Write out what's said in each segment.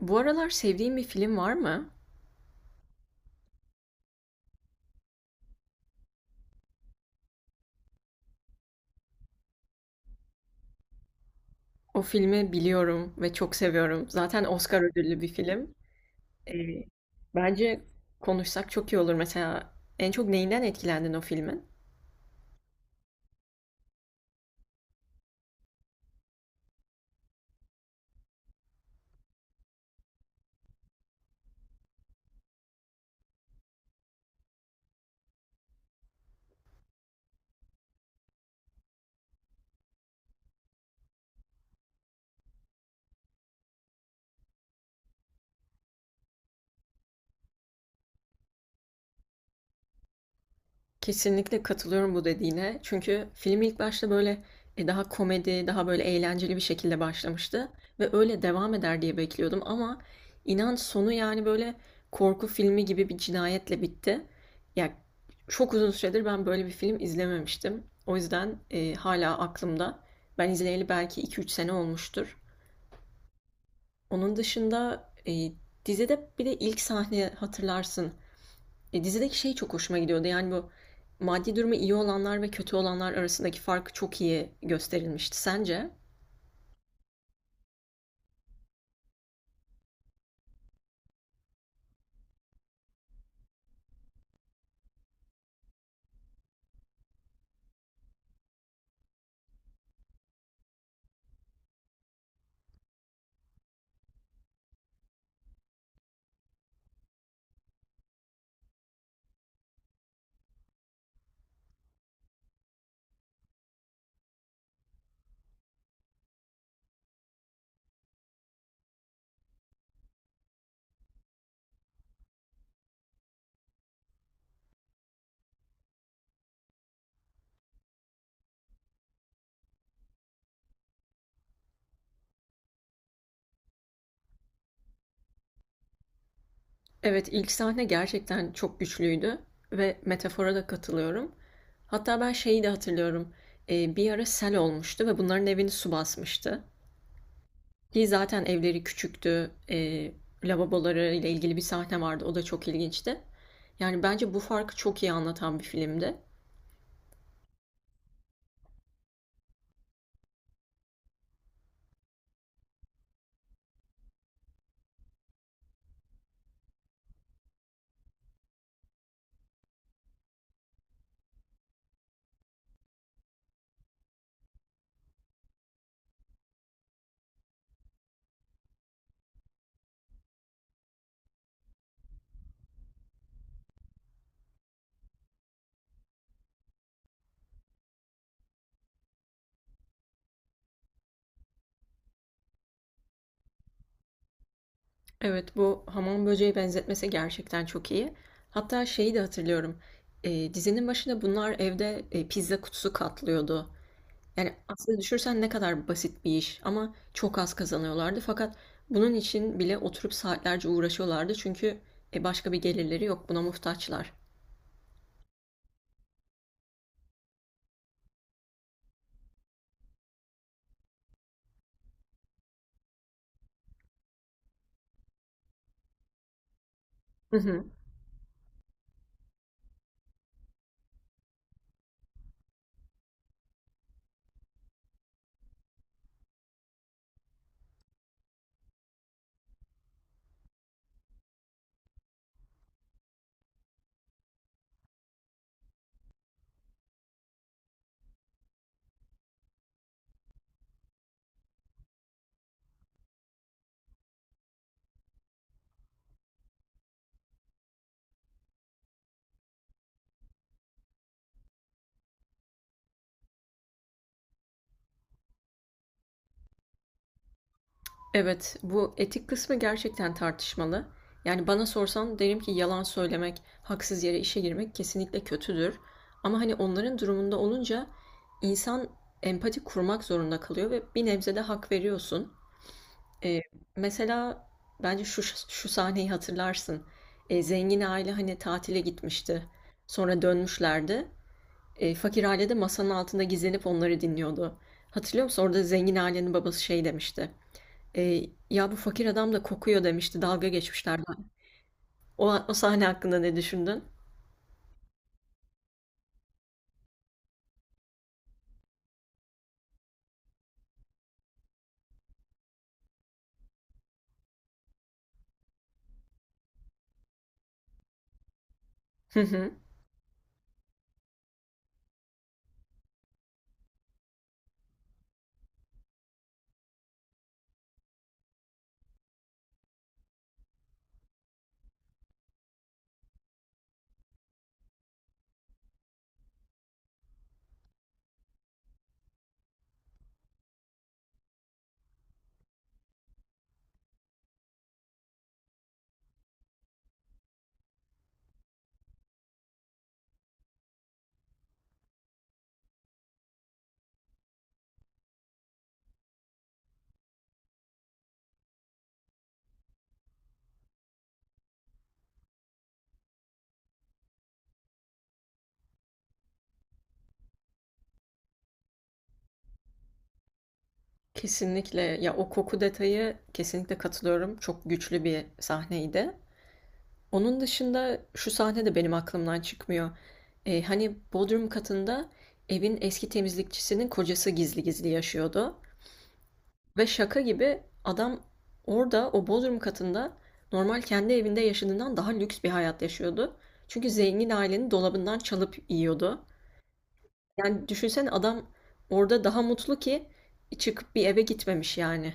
Bu aralar sevdiğin bir film var mı? O filmi biliyorum ve çok seviyorum. Zaten Oscar ödüllü bir film. Ee, Bence konuşsak çok iyi olur. Mesela en çok neyinden etkilendin o filmin? Kesinlikle katılıyorum bu dediğine. Çünkü film ilk başta böyle, daha komedi, daha böyle eğlenceli bir şekilde başlamıştı ve öyle devam eder diye bekliyordum ama inan sonu yani böyle korku filmi gibi bir cinayetle bitti. Ya çok uzun süredir ben böyle bir film izlememiştim. O yüzden hala aklımda. Ben izleyeli belki 2-3 sene olmuştur. Onun dışında dizide bir de ilk sahne hatırlarsın. Dizideki şey çok hoşuma gidiyordu. Yani bu maddi durumu iyi olanlar ve kötü olanlar arasındaki fark çok iyi gösterilmişti. Sence? Evet, ilk sahne gerçekten çok güçlüydü ve metafora da katılıyorum. Hatta ben şeyi de hatırlıyorum. Bir ara sel olmuştu ve bunların evini su basmıştı. Ki zaten evleri küçüktü. Lavaboları ile ilgili bir sahne vardı. O da çok ilginçti. Yani bence bu farkı çok iyi anlatan bir filmdi. Evet, bu hamam böceği benzetmesi gerçekten çok iyi. Hatta şeyi de hatırlıyorum. E, dizinin başında bunlar evde pizza kutusu katlıyordu. Yani aslında düşürsen ne kadar basit bir iş ama çok az kazanıyorlardı. Fakat bunun için bile oturup saatlerce uğraşıyorlardı. Çünkü başka bir gelirleri yok, buna muhtaçlar. Evet, bu etik kısmı gerçekten tartışmalı. Yani bana sorsan derim ki yalan söylemek, haksız yere işe girmek kesinlikle kötüdür. Ama hani onların durumunda olunca insan empati kurmak zorunda kalıyor ve bir nebze de hak veriyorsun. Ee, Mesela bence şu sahneyi hatırlarsın. Zengin aile hani tatile gitmişti. Sonra dönmüşlerdi. Fakir aile de masanın altında gizlenip onları dinliyordu. Hatırlıyor musun? Orada zengin ailenin babası şey demişti. E, Ya bu fakir adam da kokuyor demişti. Dalga geçmişlerdi. O sahne hakkında ne düşündün? Hı hı. Kesinlikle. Ya o koku detayı kesinlikle katılıyorum. Çok güçlü bir sahneydi. Onun dışında şu sahne de benim aklımdan çıkmıyor. E, hani bodrum katında evin eski temizlikçisinin kocası gizli gizli yaşıyordu. Ve şaka gibi adam orada o bodrum katında normal kendi evinde yaşadığından daha lüks bir hayat yaşıyordu. Çünkü zengin ailenin dolabından çalıp yiyordu. Yani düşünsene adam orada daha mutlu ki çıkıp bir eve gitmemiş yani.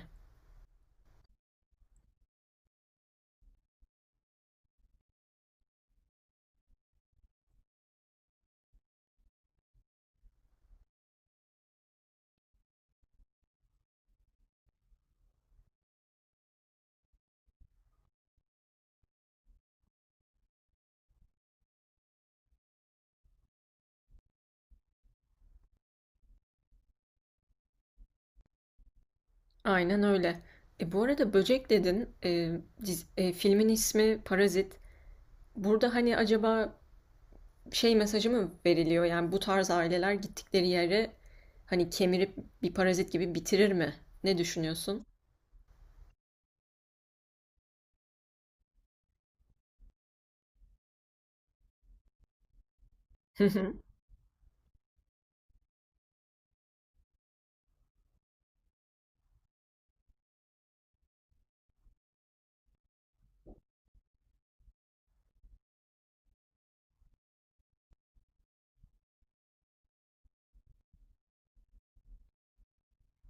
Aynen öyle. E bu arada Böcek dedin. Filmin ismi Parazit. Burada hani acaba şey mesajı mı veriliyor? Yani bu tarz aileler gittikleri yere hani kemirip bir parazit gibi bitirir mi? Ne düşünüyorsun? Hı hı.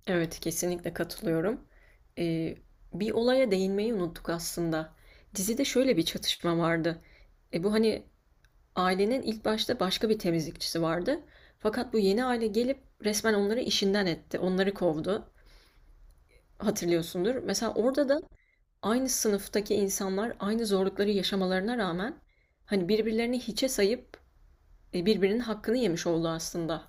Evet, kesinlikle katılıyorum. Ee, Bir olaya değinmeyi unuttuk aslında. Dizide şöyle bir çatışma vardı. Bu hani ailenin ilk başta başka bir temizlikçisi vardı. Fakat bu yeni aile gelip resmen onları işinden etti. Onları kovdu. Hatırlıyorsundur. Mesela orada da aynı sınıftaki insanlar aynı zorlukları yaşamalarına rağmen hani birbirlerini hiçe sayıp birbirinin hakkını yemiş oldu aslında.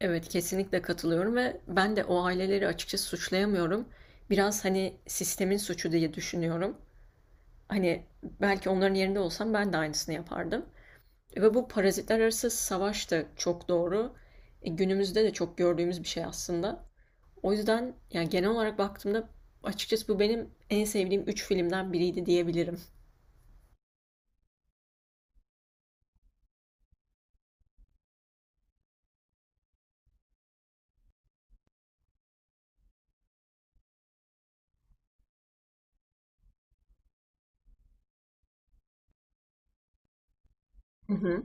Evet, kesinlikle katılıyorum ve ben de o aileleri açıkçası suçlayamıyorum. Biraz hani sistemin suçu diye düşünüyorum. Hani belki onların yerinde olsam ben de aynısını yapardım. Ve bu parazitler arası savaş da çok doğru. Günümüzde de çok gördüğümüz bir şey aslında. O yüzden yani genel olarak baktığımda açıkçası bu benim en sevdiğim 3 filmden biriydi diyebilirim. Hı hı.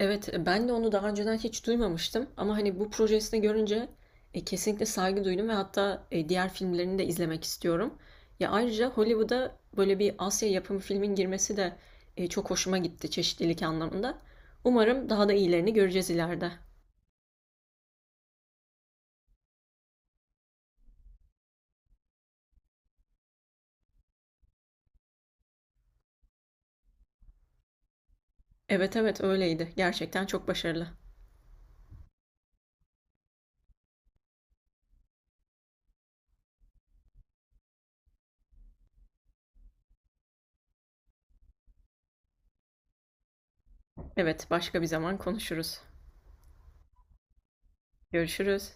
Evet, ben de onu daha önceden hiç duymamıştım ama hani bu projesini görünce kesinlikle saygı duydum ve hatta diğer filmlerini de izlemek istiyorum. Ya ayrıca Hollywood'a böyle bir Asya yapımı filmin girmesi de çok hoşuma gitti çeşitlilik anlamında. Umarım daha da iyilerini göreceğiz ileride. Evet, evet, öyleydi. Gerçekten çok başarılı. Evet, başka bir zaman konuşuruz. Görüşürüz.